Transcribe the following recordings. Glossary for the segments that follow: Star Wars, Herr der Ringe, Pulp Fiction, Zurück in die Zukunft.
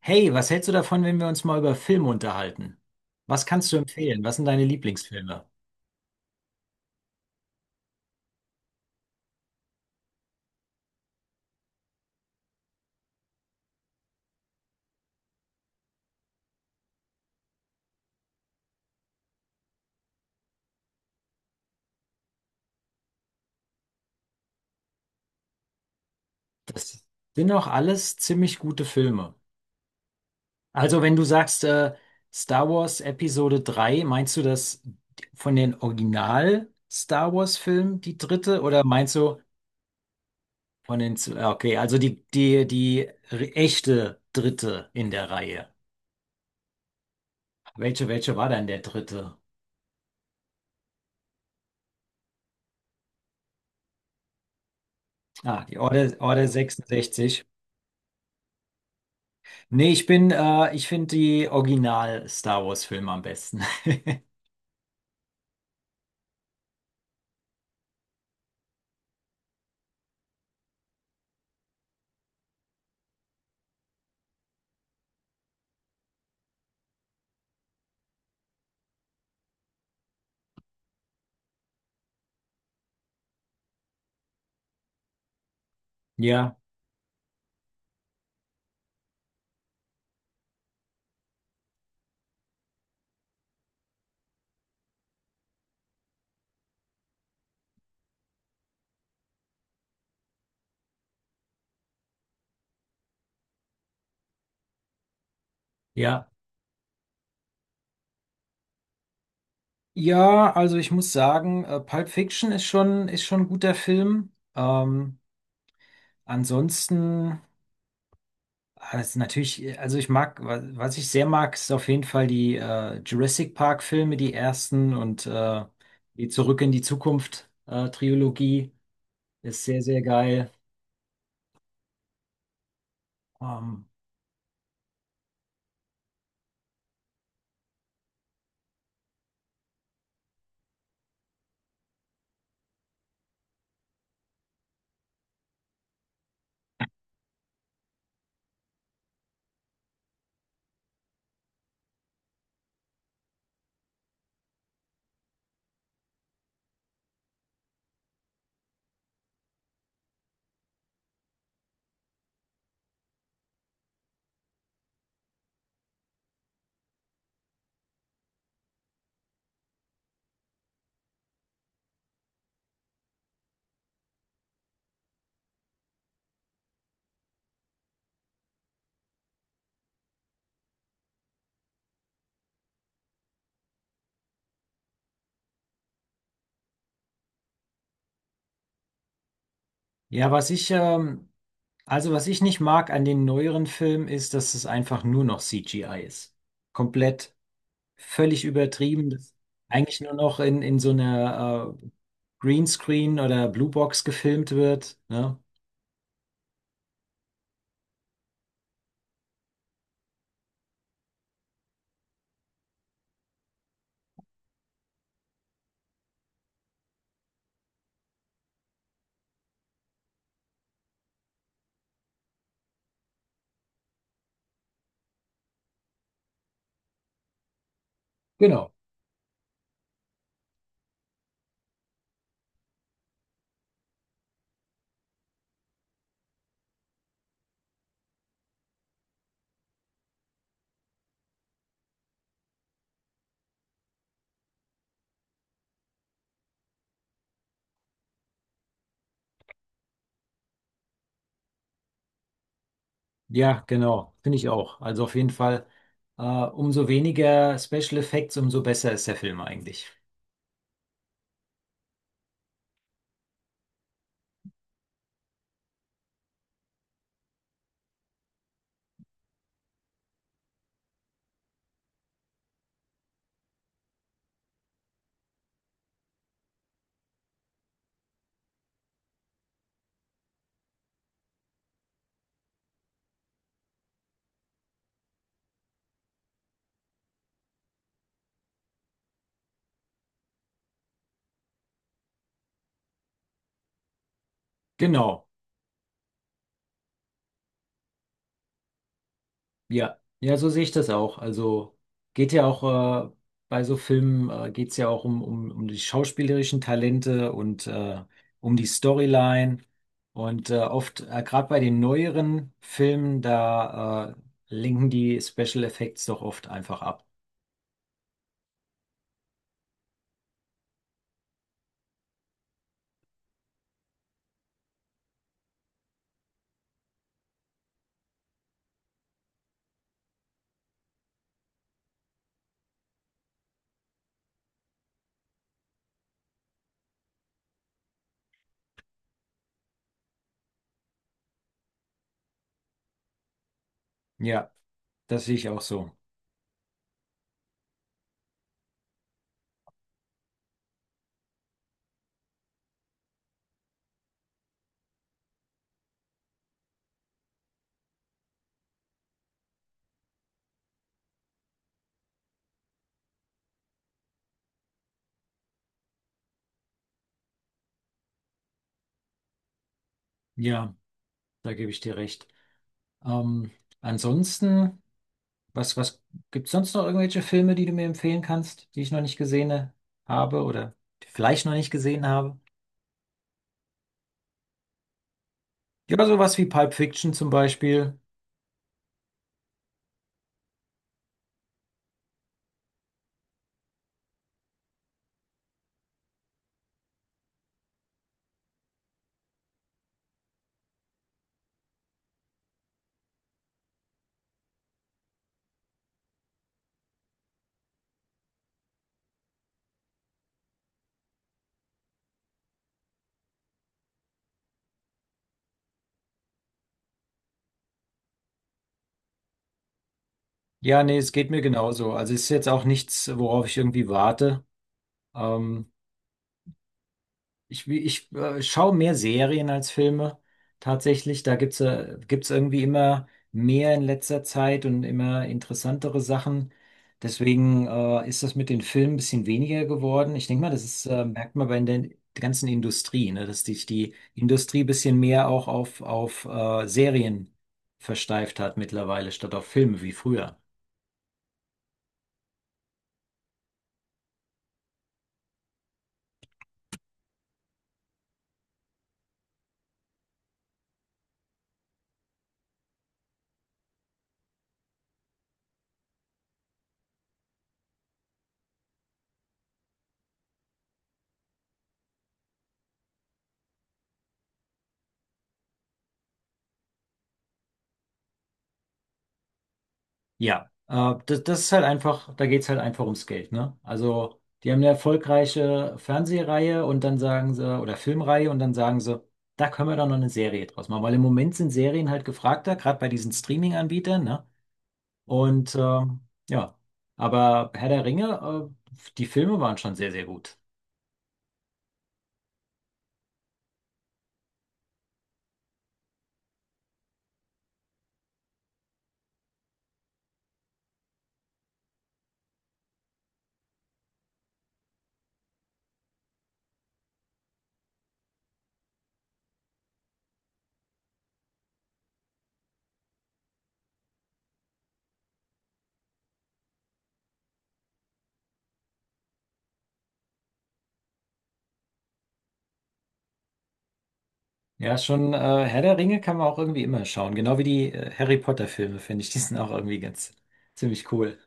Hey, was hältst du davon, wenn wir uns mal über Filme unterhalten? Was kannst du empfehlen? Was sind deine Lieblingsfilme? Das sind auch alles ziemlich gute Filme. Also, wenn du sagst, Star Wars Episode 3, meinst du das von den Original Star Wars Filmen, die dritte, oder meinst du von den, ja, okay, also die echte dritte in der Reihe? Welche war denn der dritte? Ah, die Order 66. Nee, ich bin, ich finde die Original-Star Wars-Filme am besten. Ja, ja. Ja, also ich muss sagen, Pulp Fiction ist schon ein guter Film. Ansonsten, ah, das ist natürlich, also ich mag, was ich sehr mag, ist auf jeden Fall die Jurassic Park-Filme, die ersten und die Zurück in die Zukunft Trilogie ist sehr, sehr geil. Ähm, ja, was ich, ähm, Also, was ich nicht mag an den neueren Filmen ist, dass es einfach nur noch CGI ist. Komplett, völlig übertrieben. Das ist eigentlich nur noch in so einer Greenscreen oder Bluebox gefilmt wird. Ne? Genau. Ja, genau. Finde ich auch. Also auf jeden Fall, umso weniger Special Effects, umso besser ist der Film eigentlich. Genau. Ja, ja, so sehe ich das auch. Also geht ja auch bei so Filmen, geht es ja auch um die schauspielerischen Talente und um die Storyline. Und gerade bei den neueren Filmen, da linken die Special Effects doch oft einfach ab. Ja, das sehe ich auch so. Ja, da gebe ich dir recht. Ähm, ansonsten. Was gibt's sonst noch irgendwelche Filme, die du mir empfehlen kannst, die ich noch nicht gesehen habe oder die vielleicht noch nicht gesehen habe? Ja, sowas wie Pulp Fiction zum Beispiel. Ja, nee, es geht mir genauso. Also es ist jetzt auch nichts, worauf ich irgendwie warte. Ähm, ich schaue mehr Serien als Filme tatsächlich. Da gibt's irgendwie immer mehr in letzter Zeit und immer interessantere Sachen. Deswegen ist das mit den Filmen ein bisschen weniger geworden. Ich denke mal, das ist, merkt man bei der ganzen Industrie, ne? Dass sich die Industrie ein bisschen mehr auch auf Serien versteift hat mittlerweile, statt auf Filme wie früher. Ja, das ist halt einfach, da geht's halt einfach ums Geld, ne? Also, die haben eine erfolgreiche Fernsehreihe und dann sagen sie, oder Filmreihe und dann sagen sie, da können wir doch noch eine Serie draus machen, weil im Moment sind Serien halt gefragter, gerade bei diesen Streaming-Anbietern, ne? Und ja, aber Herr der Ringe, die Filme waren schon sehr, sehr gut. Ja, schon Herr der Ringe kann man auch irgendwie immer schauen, genau wie die Harry Potter-Filme, finde ich, die sind auch irgendwie ganz ziemlich cool.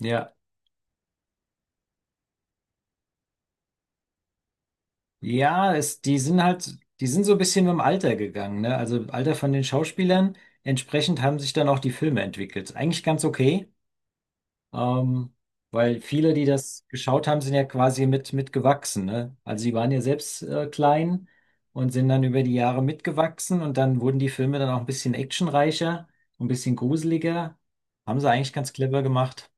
Ja. Ja, es, die sind halt, die sind so ein bisschen mit dem Alter gegangen, ne? Also Alter von den Schauspielern. Entsprechend haben sich dann auch die Filme entwickelt. Eigentlich ganz okay, ähm, weil viele, die das geschaut haben, sind ja quasi mitgewachsen, ne? Also die waren ja selbst klein und sind dann über die Jahre mitgewachsen und dann wurden die Filme dann auch ein bisschen actionreicher, ein bisschen gruseliger. Haben sie eigentlich ganz clever gemacht.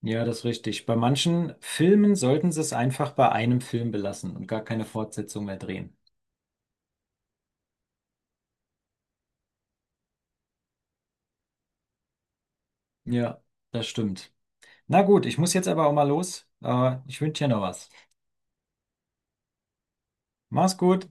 Ja, das ist richtig. Bei manchen Filmen sollten sie es einfach bei einem Film belassen und gar keine Fortsetzung mehr drehen. Ja, das stimmt. Na gut, ich muss jetzt aber auch mal los. Ich wünsche dir noch was. Mach's gut.